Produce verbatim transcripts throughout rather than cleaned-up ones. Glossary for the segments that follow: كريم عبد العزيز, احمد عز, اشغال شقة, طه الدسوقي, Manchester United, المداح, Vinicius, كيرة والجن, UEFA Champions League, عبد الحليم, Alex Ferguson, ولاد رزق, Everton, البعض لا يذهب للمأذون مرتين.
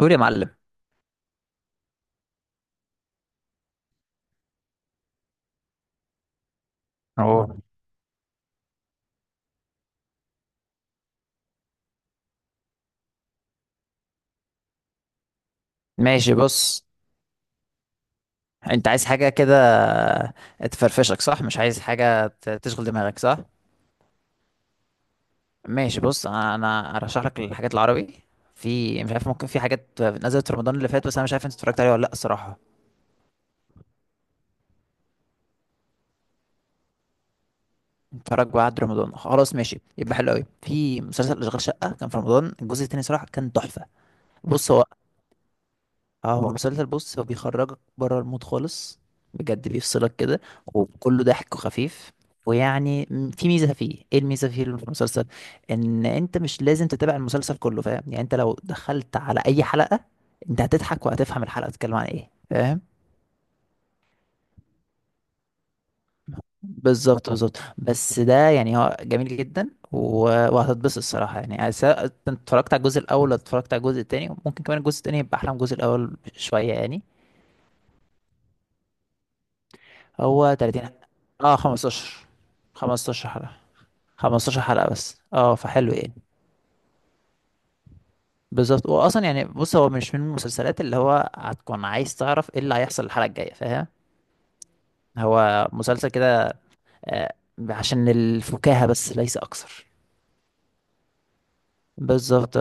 قول يا معلم. اه. ماشي، بص. انت عايز حاجة كده تفرفشك، صح؟ مش عايز حاجة ت- تشغل دماغك، صح؟ ماشي، بص. انا انا ارشح لك الحاجات العربي. في مش عارف، ممكن في حاجات نزلت رمضان اللي فات، بس انا مش عارف انت اتفرجت عليها ولا لا الصراحة. اتفرج بعد رمضان، خلاص ماشي، يبقى حلو قوي. في مسلسل اشغال شقة كان في رمضان، الجزء التاني صراحة كان تحفة. بص، هو اه هو مسلسل، بص هو بيخرجك بره المود خالص، بجد بيفصلك كده. وكله ضحك وخفيف. ويعني م- في ميزة فيه، ايه الميزة فيه اللي في المسلسل؟ ان انت مش لازم تتابع المسلسل كله، فاهم؟ يعني انت لو دخلت على اي حلقة، انت هتضحك وهتفهم الحلقة بتتكلم عن ايه، فاهم؟ بالظبط بالظبط. بس ده يعني هو جميل جدا و... وهتتبسط الصراحة، يعني يعني سواء انت اتفرجت على الجزء الاول ولا اتفرجت على الجزء التاني، ممكن كمان الجزء التاني يبقى احلى من الجزء الاول شوية يعني. هو ثلاثين. اه، خمسة عشر. خمسة عشر حلقة، خمستاشر حلقة بس، اه فحلو يعني. بالظبط. هو اصلا يعني، بص، هو مش من المسلسلات اللي هو هتكون عايز تعرف ايه اللي هيحصل الحلقة الجاية، فاهم؟ هو مسلسل كده، آه، عشان الفكاهة بس ليس اكثر. بالظبط.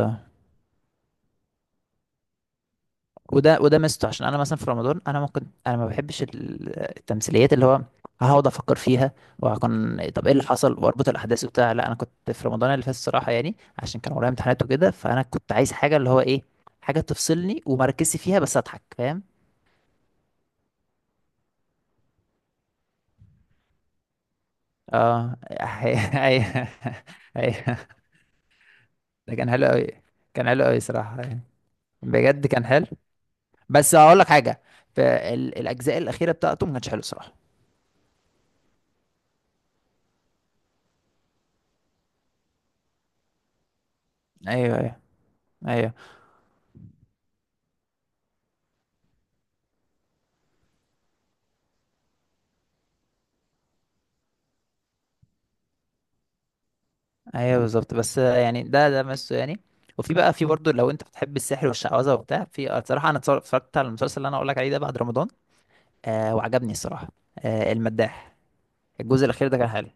وده وده ميزته، عشان انا مثلا في رمضان انا ممكن، انا ما بحبش ال- التمثيليات اللي هو هقعد افكر فيها، وهكون طب ايه اللي حصل واربط الاحداث وبتاع. لا، انا كنت في رمضان اللي فات الصراحه يعني، عشان كان ورايا امتحانات وكده، فانا كنت عايز حاجه اللي هو ايه، حاجه تفصلني وما ركزش فيها بس اضحك، فاهم؟ اه، ايوه ايوه. ده كان حلو قوي. كان حلو قوي صراحه يعني. بجد كان حلو. بس هقول لك حاجه، في ال- الاجزاء الاخيره بتاعته ما كانتش حلو صراحه. ايوه، ايوه ايوه ايوه. بالظبط. بس يعني ده ده ميزته يعني. وفي بقى، في برضه لو انت بتحب السحر والشعوذه وبتاع، في آه، بصراحه انا اتصر- اتفرجت على المسلسل اللي انا اقول لك عليه ده بعد رمضان. آه وعجبني الصراحه. آه، المداح، الجزء الاخير ده كان حلو.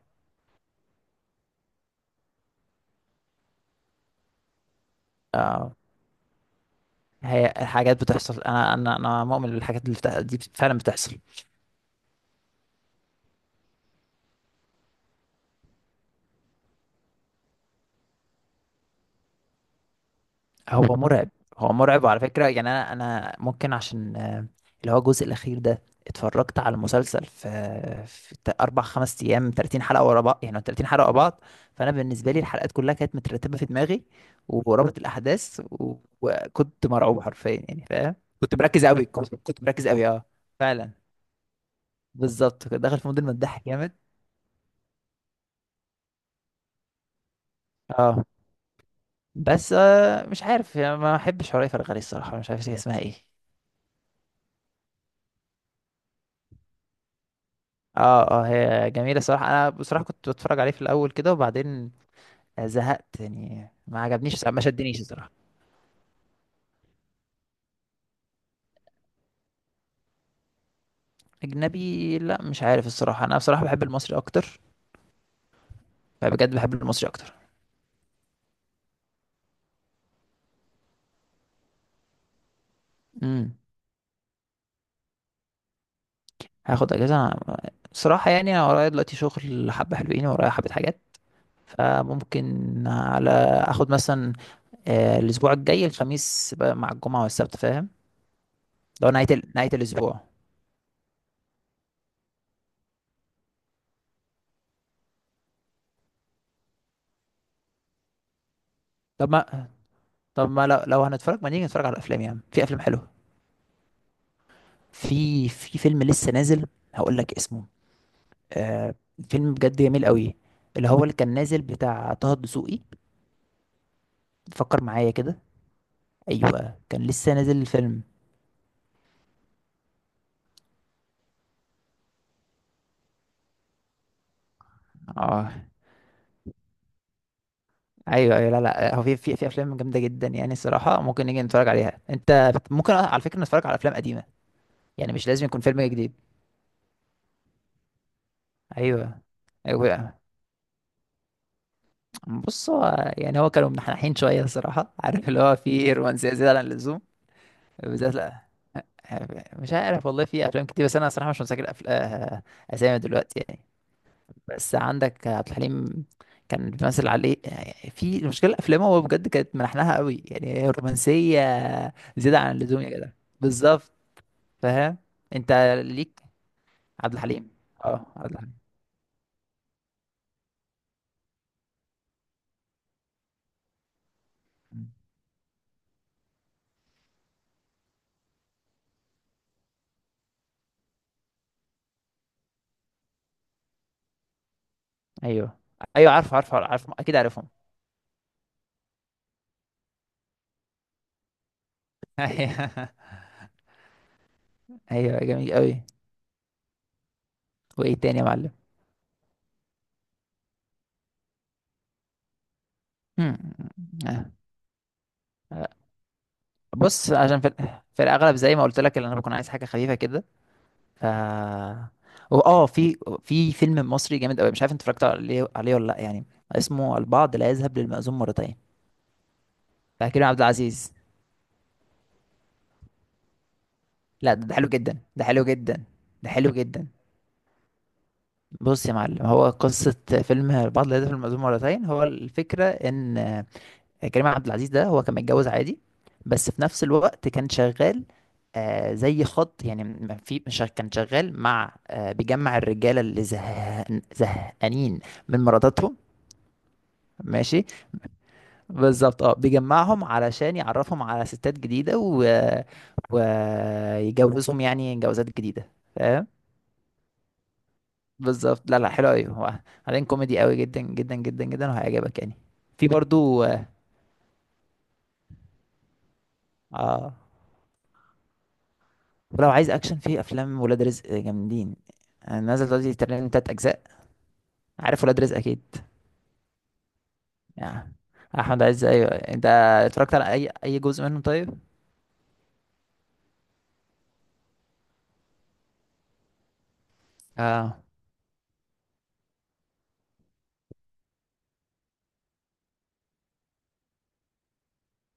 آه، هي الحاجات بتحصل، انا انا انا مؤمن بالحاجات اللي بتح... دي فعلا بتحصل. هو مرعب. هو مرعب، وعلى فكرة يعني أنا أنا ممكن عشان آه، اللي هو الجزء الأخير ده اتفرجت على المسلسل في في تا- أربع خمس أيام، ثلاثين حلقة ورا بعض، يعني ثلاثين حلقة ورا بعض. فأنا بالنسبة لي الحلقات كلها كانت مترتبة في دماغي، ورابط الأحداث و- وكنت مرعوب حرفيا يعني، فاهم؟ كنت مركز أوي، كنت كنت مركز أوي، أه. فعلا. بالظبط، كنت داخل في مود المداح جامد. أه. بس آه، مش عارف يعني ما أحبش حرية فرغلي الصراحة، مش عارف هي اسمها إيه. اه اه، هي جميلة صراحة، انا بصراحة كنت بتفرج عليه في الاول كده وبعدين زهقت يعني، ما عجبنيش ما شدنيش الصراحة. اجنبي لا، مش عارف الصراحة، انا بصراحة بحب المصري اكتر. فبجد بحب المصري اكتر. امم هاخد اجازة، أنا- الصراحة يعني انا ورايا دلوقتي شغل حبة حلوين، ورايا حبة حاجات، فممكن على اخد مثلا آه، الاسبوع الجاي الخميس بقى مع الجمعة والسبت، فاهم؟ لو نهاية ال- نهاية الاسبوع. طب ما، طب ما لو, لو هنتفرج، ما نيجي نتفرج على الافلام، يعني في افلام حلوة. في في فيلم لسه نازل، هقول لك اسمه، آه فيلم بجد جميل قوي، اللي هو اللي كان نازل بتاع طه الدسوقي، فكر معايا كده. ايوه كان لسه نازل الفيلم. اه، ايوه ايوه. لا لا، هو في في في افلام جامده جدا يعني الصراحه، ممكن نيجي نتفرج عليها. انت بت- ممكن على فكره نتفرج على افلام قديمه، يعني مش لازم يكون فيلم جديد. ايوه ايوه. بص، هو يعني هو كانوا منحنحين شويه الصراحه، عارف اللي هو في رومانسيه زياده عن اللزوم. بالذات لا. مش عارف والله، في افلام كتير، بس انا صراحه مش متذكر أفل... آه، اسامي دلوقتي يعني. بس عندك عبد الحليم، كان بيمثل عليه يعني، في المشكله الافلام هو بجد كانت ملحنها قوي يعني، هي رومانسيه زياده عن اللزوم يا جدع. بالظبط، فاهم؟ انت ليك عبد الحليم. اه، عبد الحليم. ايوه، ايوه عارف عارف عارف، اكيد عارفهم. ايوه جميل قوي. وايه تاني يا معلم؟ مم. آه. بص عشان في, ال- في الاغلب زي ما قلت لك، اللي انا بكون عايز حاجه خفيفه كده، ف و- اه في في فيلم مصري جامد قوي، مش عارف انت اتفرجت عليه عليه ولا لا يعني، اسمه البعض لا يذهب للمأذون مرتين، بتاع كريم عبد العزيز. لا، ده ده حلو جدا، ده حلو جدا، ده حلو جدا. بص يا معلم، هو قصة فيلم البعض لا يذهب للمأذون مرتين، هو الفكرة إن كريم عبد العزيز ده هو كان متجوز عادي، بس في نفس الوقت كان شغال، آه زي خط يعني، م- في مش- كان شغال مع آه بيجمع الرجاله اللي زهقان- زهقانين من مراتاتهم. ماشي. بالظبط، اه بيجمعهم علشان يعرفهم على ستات جديده و... ويجوزهم يعني جوازات جديده، فاهم؟ بالظبط، لا لا حلو قوي هو. بعدين كوميدي قوي جدا جدا جدا جدا، وهيعجبك يعني. في برضو اه، ولو عايز اكشن، في افلام ولاد رزق جامدين. أنا نازل دلوقتي تقريبا تلات اجزاء. عارف ولاد رزق اكيد يعني، احمد عز. ايوه، انت اتفرجت على اي اي جزء منه طيب؟ اه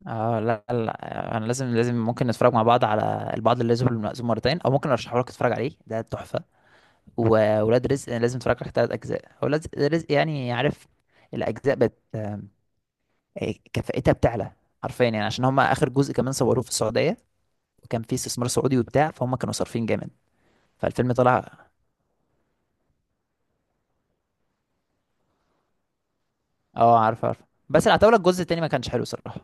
اه، لا لا، انا لازم، لازم ممكن نتفرج مع بعض على البعض اللي لازم المأزوم مرتين، او ممكن ارشحه لك تتفرج عليه، ده تحفه. وولاد رزق أنا لازم تتفرج على تلات اجزاء ولاد رزق، يعني عارف الاجزاء بت آم، إيه، كفاءتها بتعلى حرفيا يعني، عشان هم اخر جزء كمان صوروه في السعوديه، وكان في استثمار سعودي وبتاع، فهم كانوا صارفين جامد، فالفيلم طلع. اه عارف عارف. بس العتاولة الجزء التاني ما كانش حلو صراحة.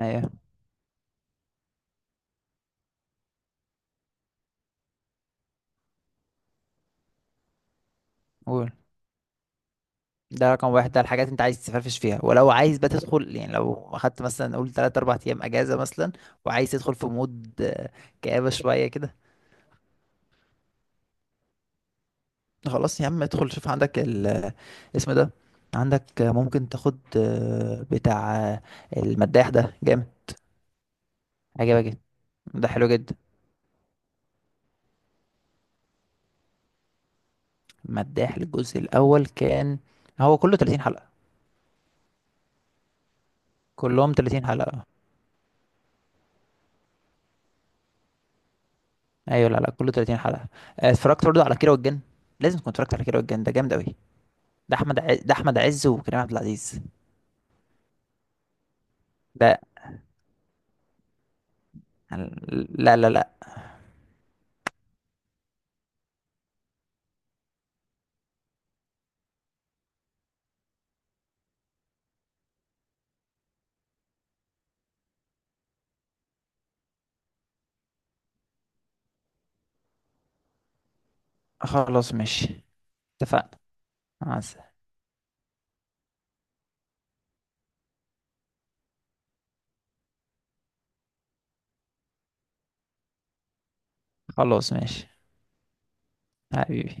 ايوه. قول، ده رقم واحد، ده الحاجات انت عايز تفرفش فيها. ولو عايز بقى تدخل، يعني لو اخدت مثلا، قول تلات اربع ايام اجازة مثلا، وعايز تدخل في مود آه، كآبة شوية كده، خلاص يا عم، ادخل شوف عندك ال اسمه ده عندك، آه، ممكن تاخد، آه، بتاع آه، المداح ده جامد، عجبك جدا، ده حلو جدا. المداح الجزء الاول كان، هو كله ثلاثين حلقة، كلهم ثلاثين حلقة. ايوه، لا لا كله ثلاثين حلقه. آه، اتفرجت برضه على كيرة والجن، لازم تكون اتفرجت على كيرة والجن، ده جامد قوي. ده احمد ع... ده احمد عز وكريم عبد العزيز. لا لا لا لا. خلاص ماشي. اتفقنا. عسل. خلاص ماشي. حبيبي.